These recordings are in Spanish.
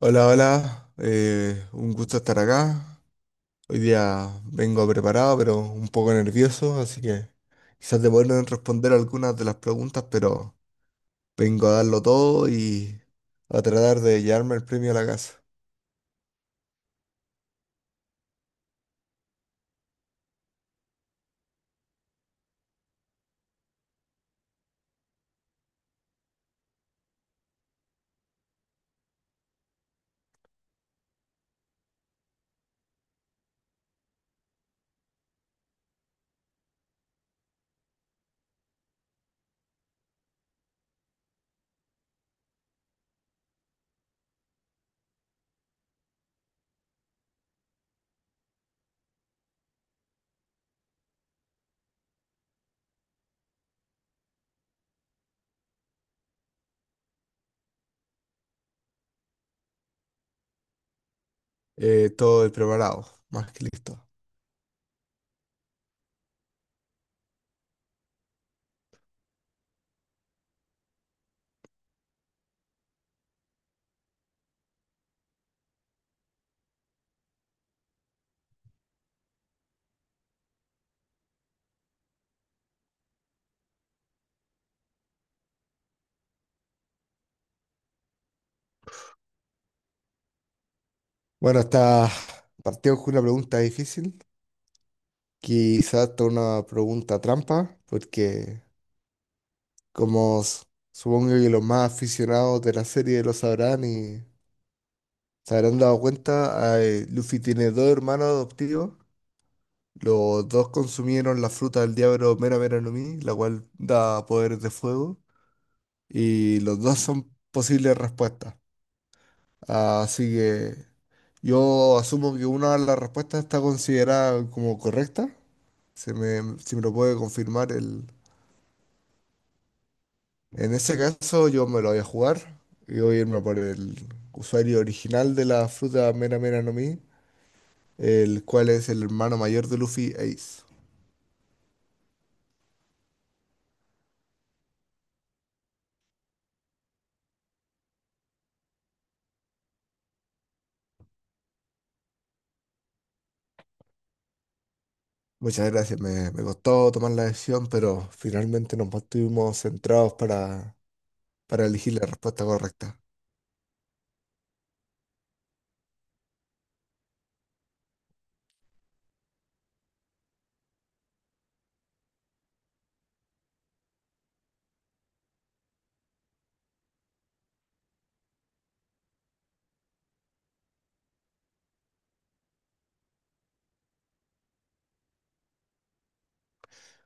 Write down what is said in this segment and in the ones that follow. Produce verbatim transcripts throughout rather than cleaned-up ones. Hola, hola, eh, un gusto estar acá. Hoy día vengo preparado, pero un poco nervioso, así que quizás te puedan responder algunas de las preguntas, pero vengo a darlo todo y a tratar de llevarme el premio a la casa. Eh, todo el preparado, más que listo. Bueno, está partimos con una pregunta difícil, quizás hasta una pregunta trampa, porque como s- supongo que los más aficionados de la serie lo sabrán y se habrán dado cuenta, eh, Luffy tiene dos hermanos adoptivos. Los dos consumieron la fruta del diablo Mera Mera no Mi, la cual da poderes de fuego. Y los dos son posibles respuestas. Así que yo asumo que una de las respuestas está considerada como correcta. Se me, si me lo puede confirmar el... En ese caso yo me lo voy a jugar y voy a irme por el usuario original de la fruta Mera Mera no Mi, el cual es el hermano mayor de Luffy, Ace. Muchas gracias, me, me costó tomar la decisión, pero finalmente nos mantuvimos centrados para, para elegir la respuesta correcta.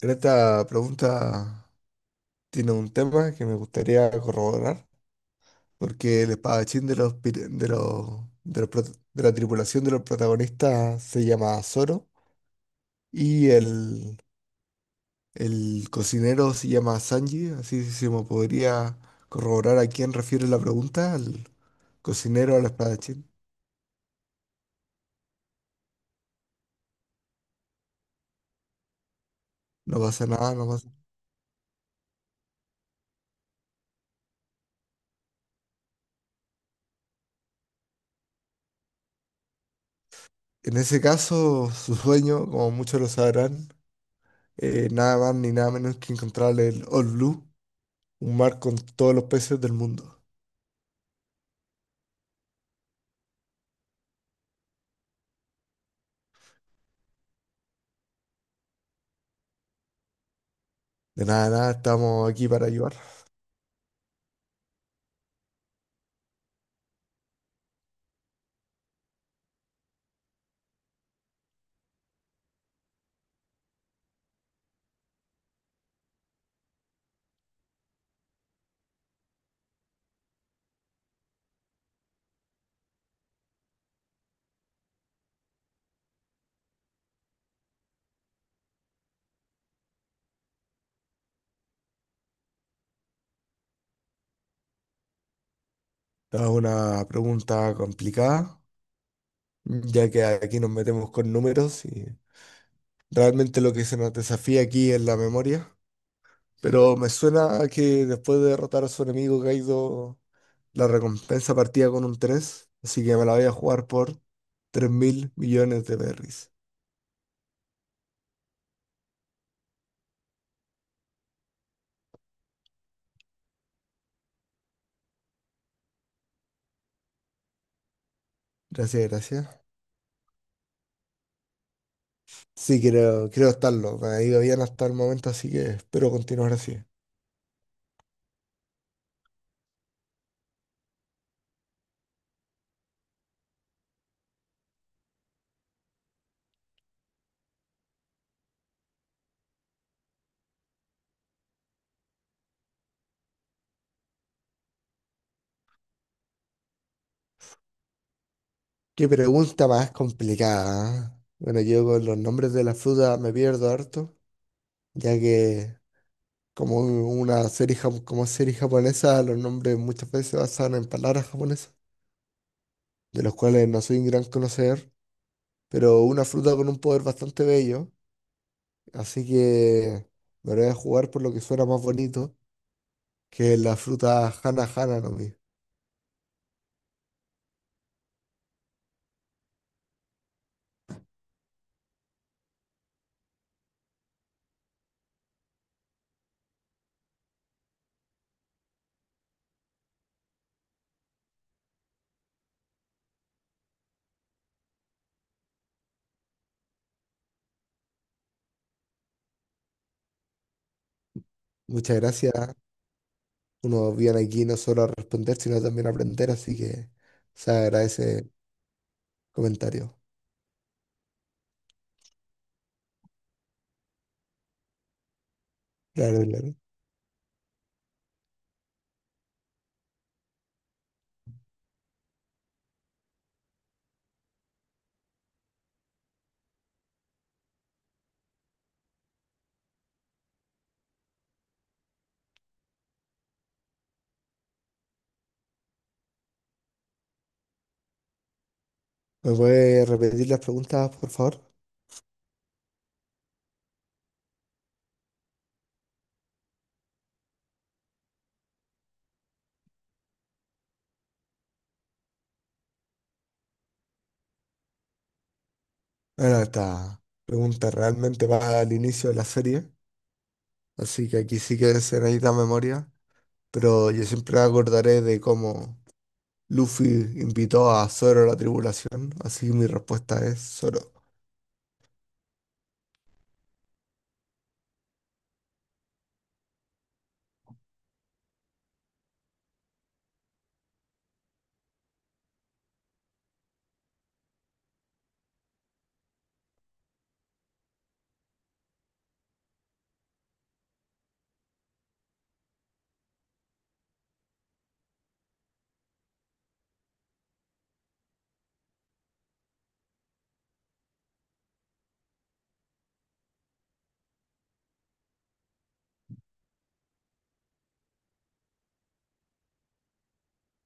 En esta pregunta tiene un tema que me gustaría corroborar, porque el espadachín de los, pir- de los, de los prot- de la tripulación de los protagonistas se llama Zoro y el, el cocinero se llama Sanji, así se me podría corroborar a quién refiere la pregunta, al cocinero, al espadachín. No pasa nada, no pasa. En ese caso, su sueño, como muchos lo sabrán, eh, nada más ni nada menos que encontrar el All Blue, un mar con todos los peces del mundo. De nada, nada, estamos aquí para ayudar. Es una pregunta complicada, ya que aquí nos metemos con números y realmente lo que se nos desafía aquí es la memoria. Pero me suena a que después de derrotar a su enemigo Kaido, la recompensa partía con un tres, así que me la voy a jugar por tres mil millones de berries. Gracias, gracias. Sí, creo, creo estarlo. Me ha ido bien hasta el momento, así que espero continuar así. Qué pregunta más complicada, ¿eh? Bueno, yo con los nombres de las frutas me pierdo harto, ya que como un- una serie, jap- como serie japonesa, los nombres muchas veces se basan en palabras japonesas, de los cuales no soy un gran conocedor. Pero una fruta con un poder bastante bello, así que me lo voy a jugar por lo que suena más bonito, que es la fruta Hana Hana no Mi. Muchas gracias. Uno viene aquí no solo a responder, sino también a aprender, así que se agradece el comentario. Claro, claro. ¿Me puede repetir las preguntas, por favor? Bueno, esta pregunta realmente va al inicio de la serie, así que aquí sí que se necesita memoria, pero yo siempre me acordaré de cómo Luffy invitó a Zoro a la tribulación, así que mi respuesta es Zoro.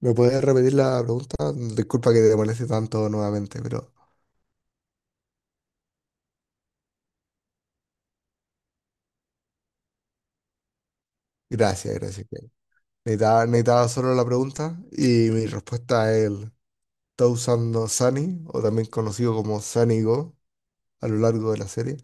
¿Me puedes repetir la pregunta? Disculpa que te moleste tanto nuevamente, pero gracias, gracias. Ken. Necesitaba, necesitaba Zoro la pregunta y mi respuesta es el Touzan no Sunny, o también conocido como Sunny Go a lo largo de la serie.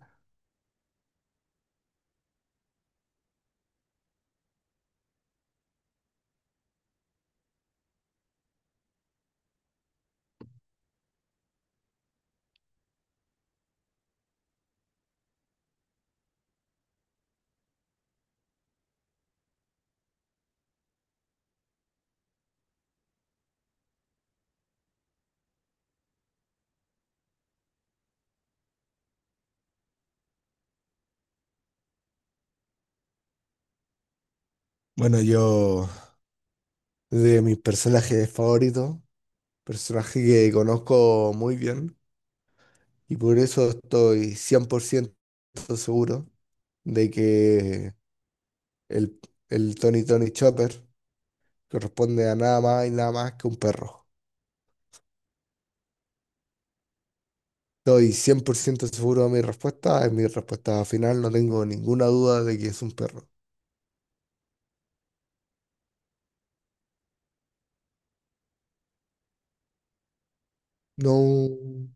Bueno, yo de mis personajes favoritos, personaje que conozco muy bien y por eso estoy cien por ciento seguro de que El, el Tony Tony Chopper corresponde a nada más y nada más que un perro. Estoy cien por ciento seguro de mi respuesta. Es mi respuesta final. No tengo ninguna duda de que es un perro. No.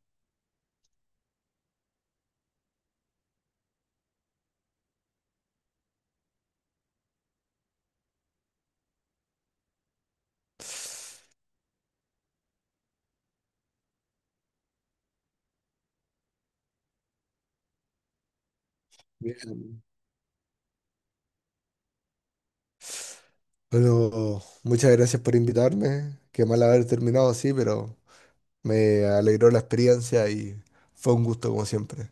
Bien. Bueno, muchas gracias por invitarme. Qué mal haber terminado así, pero me alegró la experiencia y fue un gusto como siempre.